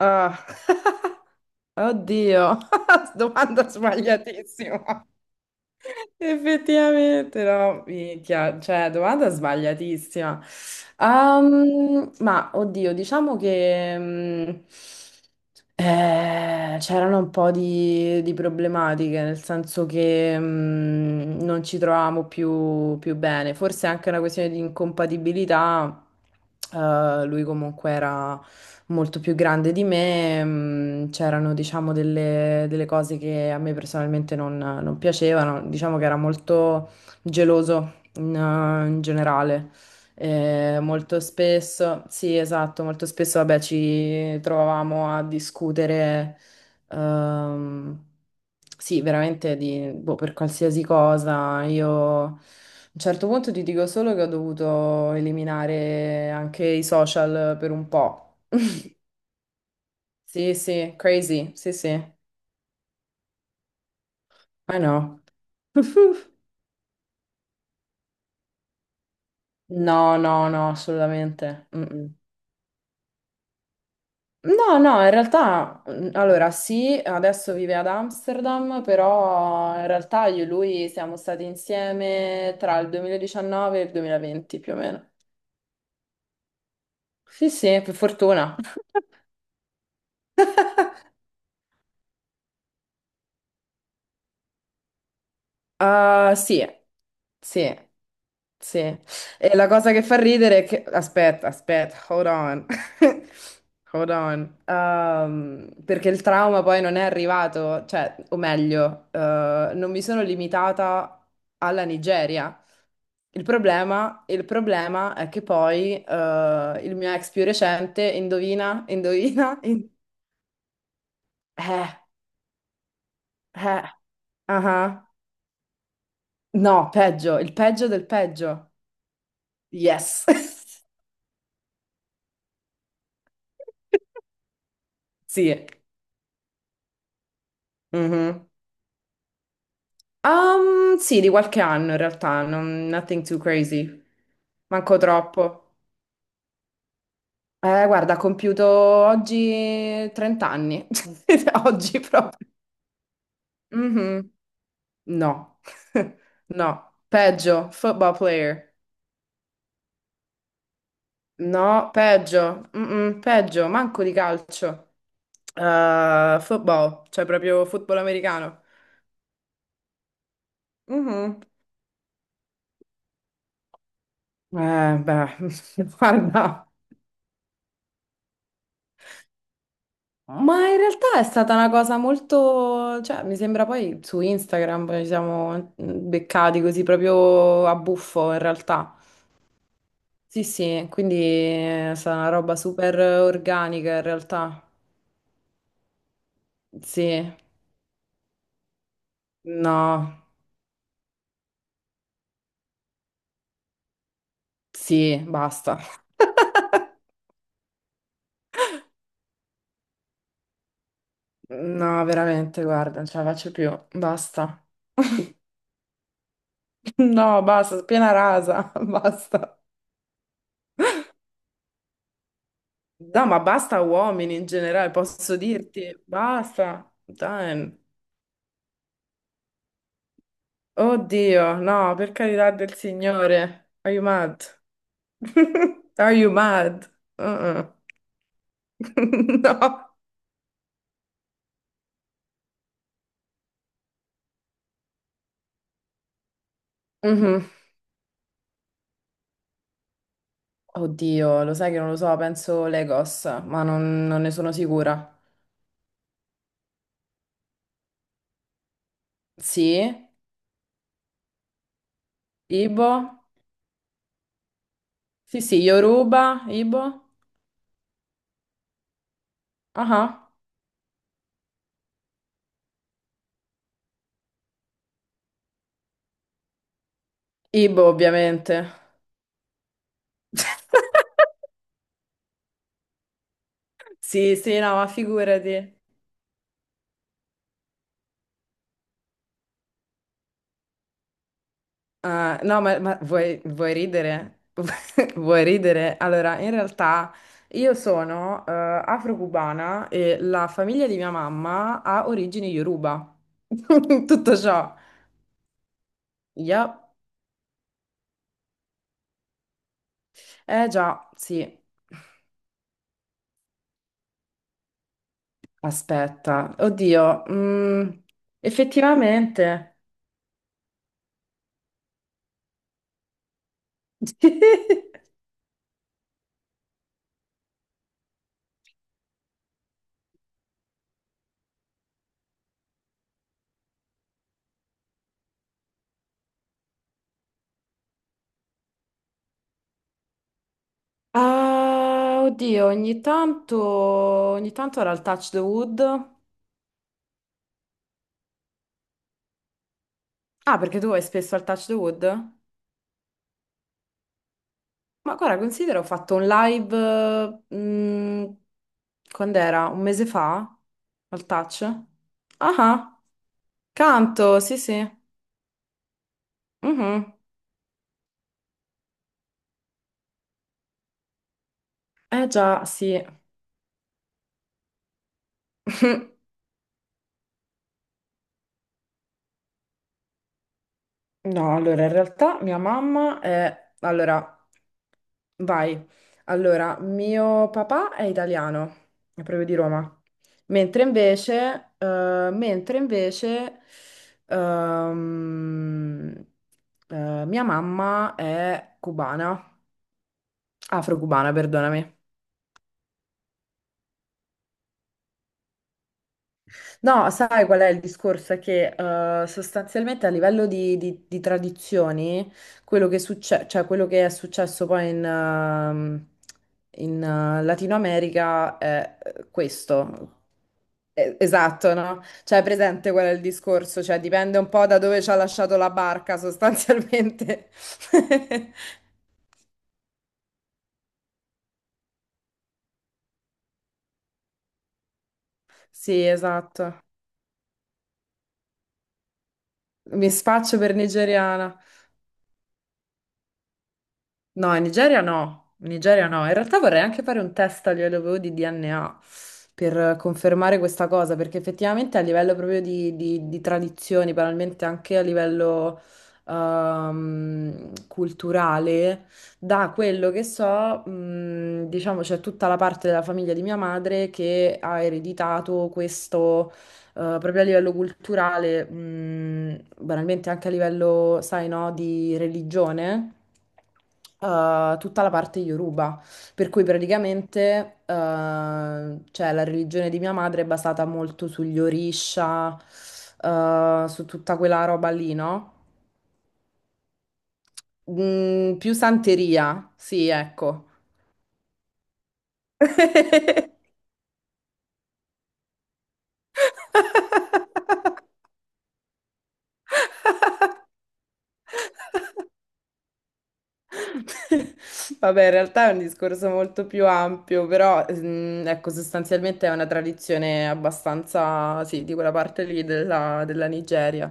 Ah, oddio, domanda sbagliatissima. Effettivamente, no, minchia, cioè, domanda sbagliatissima. Oddio, diciamo che c'erano un po' di problematiche, nel senso che non ci trovavamo più, più bene. Forse è anche una questione di incompatibilità. Lui comunque era molto più grande di me, c'erano diciamo delle cose che a me personalmente non piacevano, diciamo che era molto geloso in generale. Molto spesso, sì, esatto, molto spesso, vabbè, ci trovavamo a discutere, ehm, sì, veramente di, boh, per qualsiasi cosa. Io a un certo punto ti dico solo che ho dovuto eliminare anche i social per un po'. Sì, sì, crazy, sì, sì, I know. No, no, no, assolutamente. Mm-mm. No, no, in realtà, allora sì, adesso vive ad Amsterdam, però in realtà io e lui siamo stati insieme tra il 2019 e il 2020 più o meno. Sì, sì, per fortuna. Ah, sì, sì, sì. E la cosa che fa ridere è che... Aspetta, aspetta, hold on. Hold on. Perché il trauma poi non è arrivato, cioè, o meglio, non mi sono limitata alla Nigeria. Il problema è che poi il mio ex più recente, indovina, eh, eh, ah ah. No, peggio, il peggio del peggio. Yes. Sì. Mhm. Sì, di qualche anno in realtà, nothing too crazy. Manco troppo. Guarda, ho compiuto oggi 30 anni. Oggi proprio. Mhm. No. No. Peggio, football player. No, peggio. Mm-mm, peggio, manco di calcio. Football, cioè proprio football americano. Mhm. Beh, guarda. Ma in realtà è stata una cosa molto, cioè mi sembra poi su Instagram poi ci siamo beccati così proprio a buffo in realtà. Sì, sì, quindi è stata una roba super organica in realtà. Sì, no, sì, basta. No, veramente, guarda, non ce la faccio più, basta. No, basta, piena rasa, basta. No, ma basta uomini in generale, posso dirti, basta. Dai. Oddio, no, per carità del Signore. Are you mad? Are you mad? Uh-uh. No. Mhm. Oddio, lo sai che non lo so, penso Legos, ma non ne sono sicura. Sì, Ibo? Sì, sì, Yoruba, Ibo? Ah, ah. Ibo, ovviamente. Sì, sì, no, ma figurati. Ah, no, ma vuoi, vuoi ridere? Vuoi ridere? Allora, in realtà io sono afro-cubana e la famiglia di mia mamma ha origini Yoruba. Tutto ciò. Yup. Eh già, sì. Aspetta. Oddio. Effettivamente. Ah, oddio, ogni tanto era il touch the wood. Ah, perché tu vai spesso al touch the wood? Ma guarda, considera, ho fatto un live, eh, mh, quando era? Un mese fa? Al touch? Ah, ah, canto, sì, sì. Mhm. Eh già, sì. No, allora, in realtà mia mamma è... Allora, vai. Allora, mio papà è italiano, è proprio di Roma. Mentre invece, ehm, mia mamma è cubana. Afro-cubana, perdonami. No, sai qual è il discorso? È che sostanzialmente a livello di tradizioni, cioè, quello che è successo poi in Latino America è questo. Esatto, no? Cioè, è presente qual è il discorso? Cioè, dipende un po' da dove ci ha lasciato la barca, sostanzialmente. Sì, esatto. Mi spaccio per nigeriana. No, in Nigeria no, in Nigeria no. In realtà vorrei anche fare un test a livello di DNA per confermare questa cosa, perché effettivamente a livello proprio di tradizioni, banalmente anche a livello culturale, da quello che so, diciamo c'è tutta la parte della famiglia di mia madre che ha ereditato questo. Proprio a livello culturale, banalmente anche a livello, sai, no, di religione, tutta la parte Yoruba, per cui praticamente cioè, la religione di mia madre è basata molto sugli Orisha, su tutta quella roba lì, no? Mm, più santeria, sì, ecco. Vabbè, in realtà è un discorso molto più ampio, però ecco, sostanzialmente è una tradizione abbastanza, sì, di quella parte lì della Nigeria.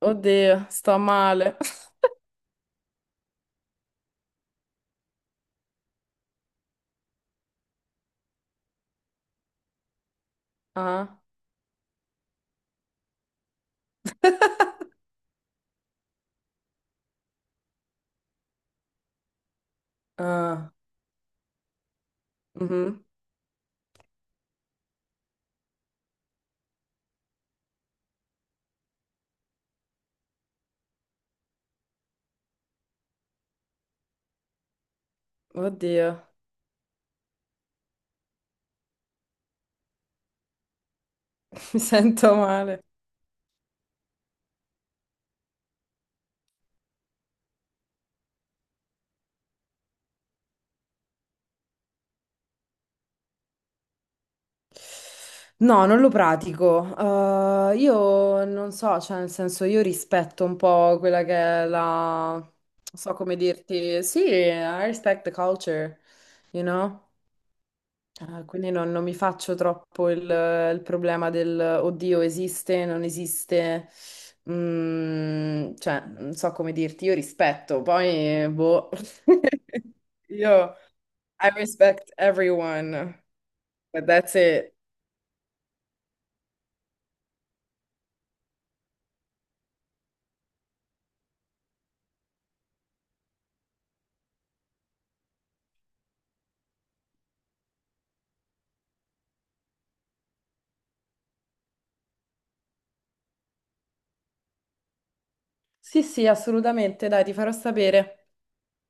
Oddio, sto male. Ah. Ah, mhm. Oddio, mi sento male. No, non lo pratico. Io non so, cioè, nel senso, io rispetto un po' quella che è la... Non so come dirti. Sì, I respect the culture, you know? Quindi non mi faccio troppo il problema del oddio, esiste, non esiste. Mm, cioè, non so come dirti, io rispetto, poi, boh. Io. I respect everyone, but that's it. Sì, sì, assolutamente, dai, ti farò sapere.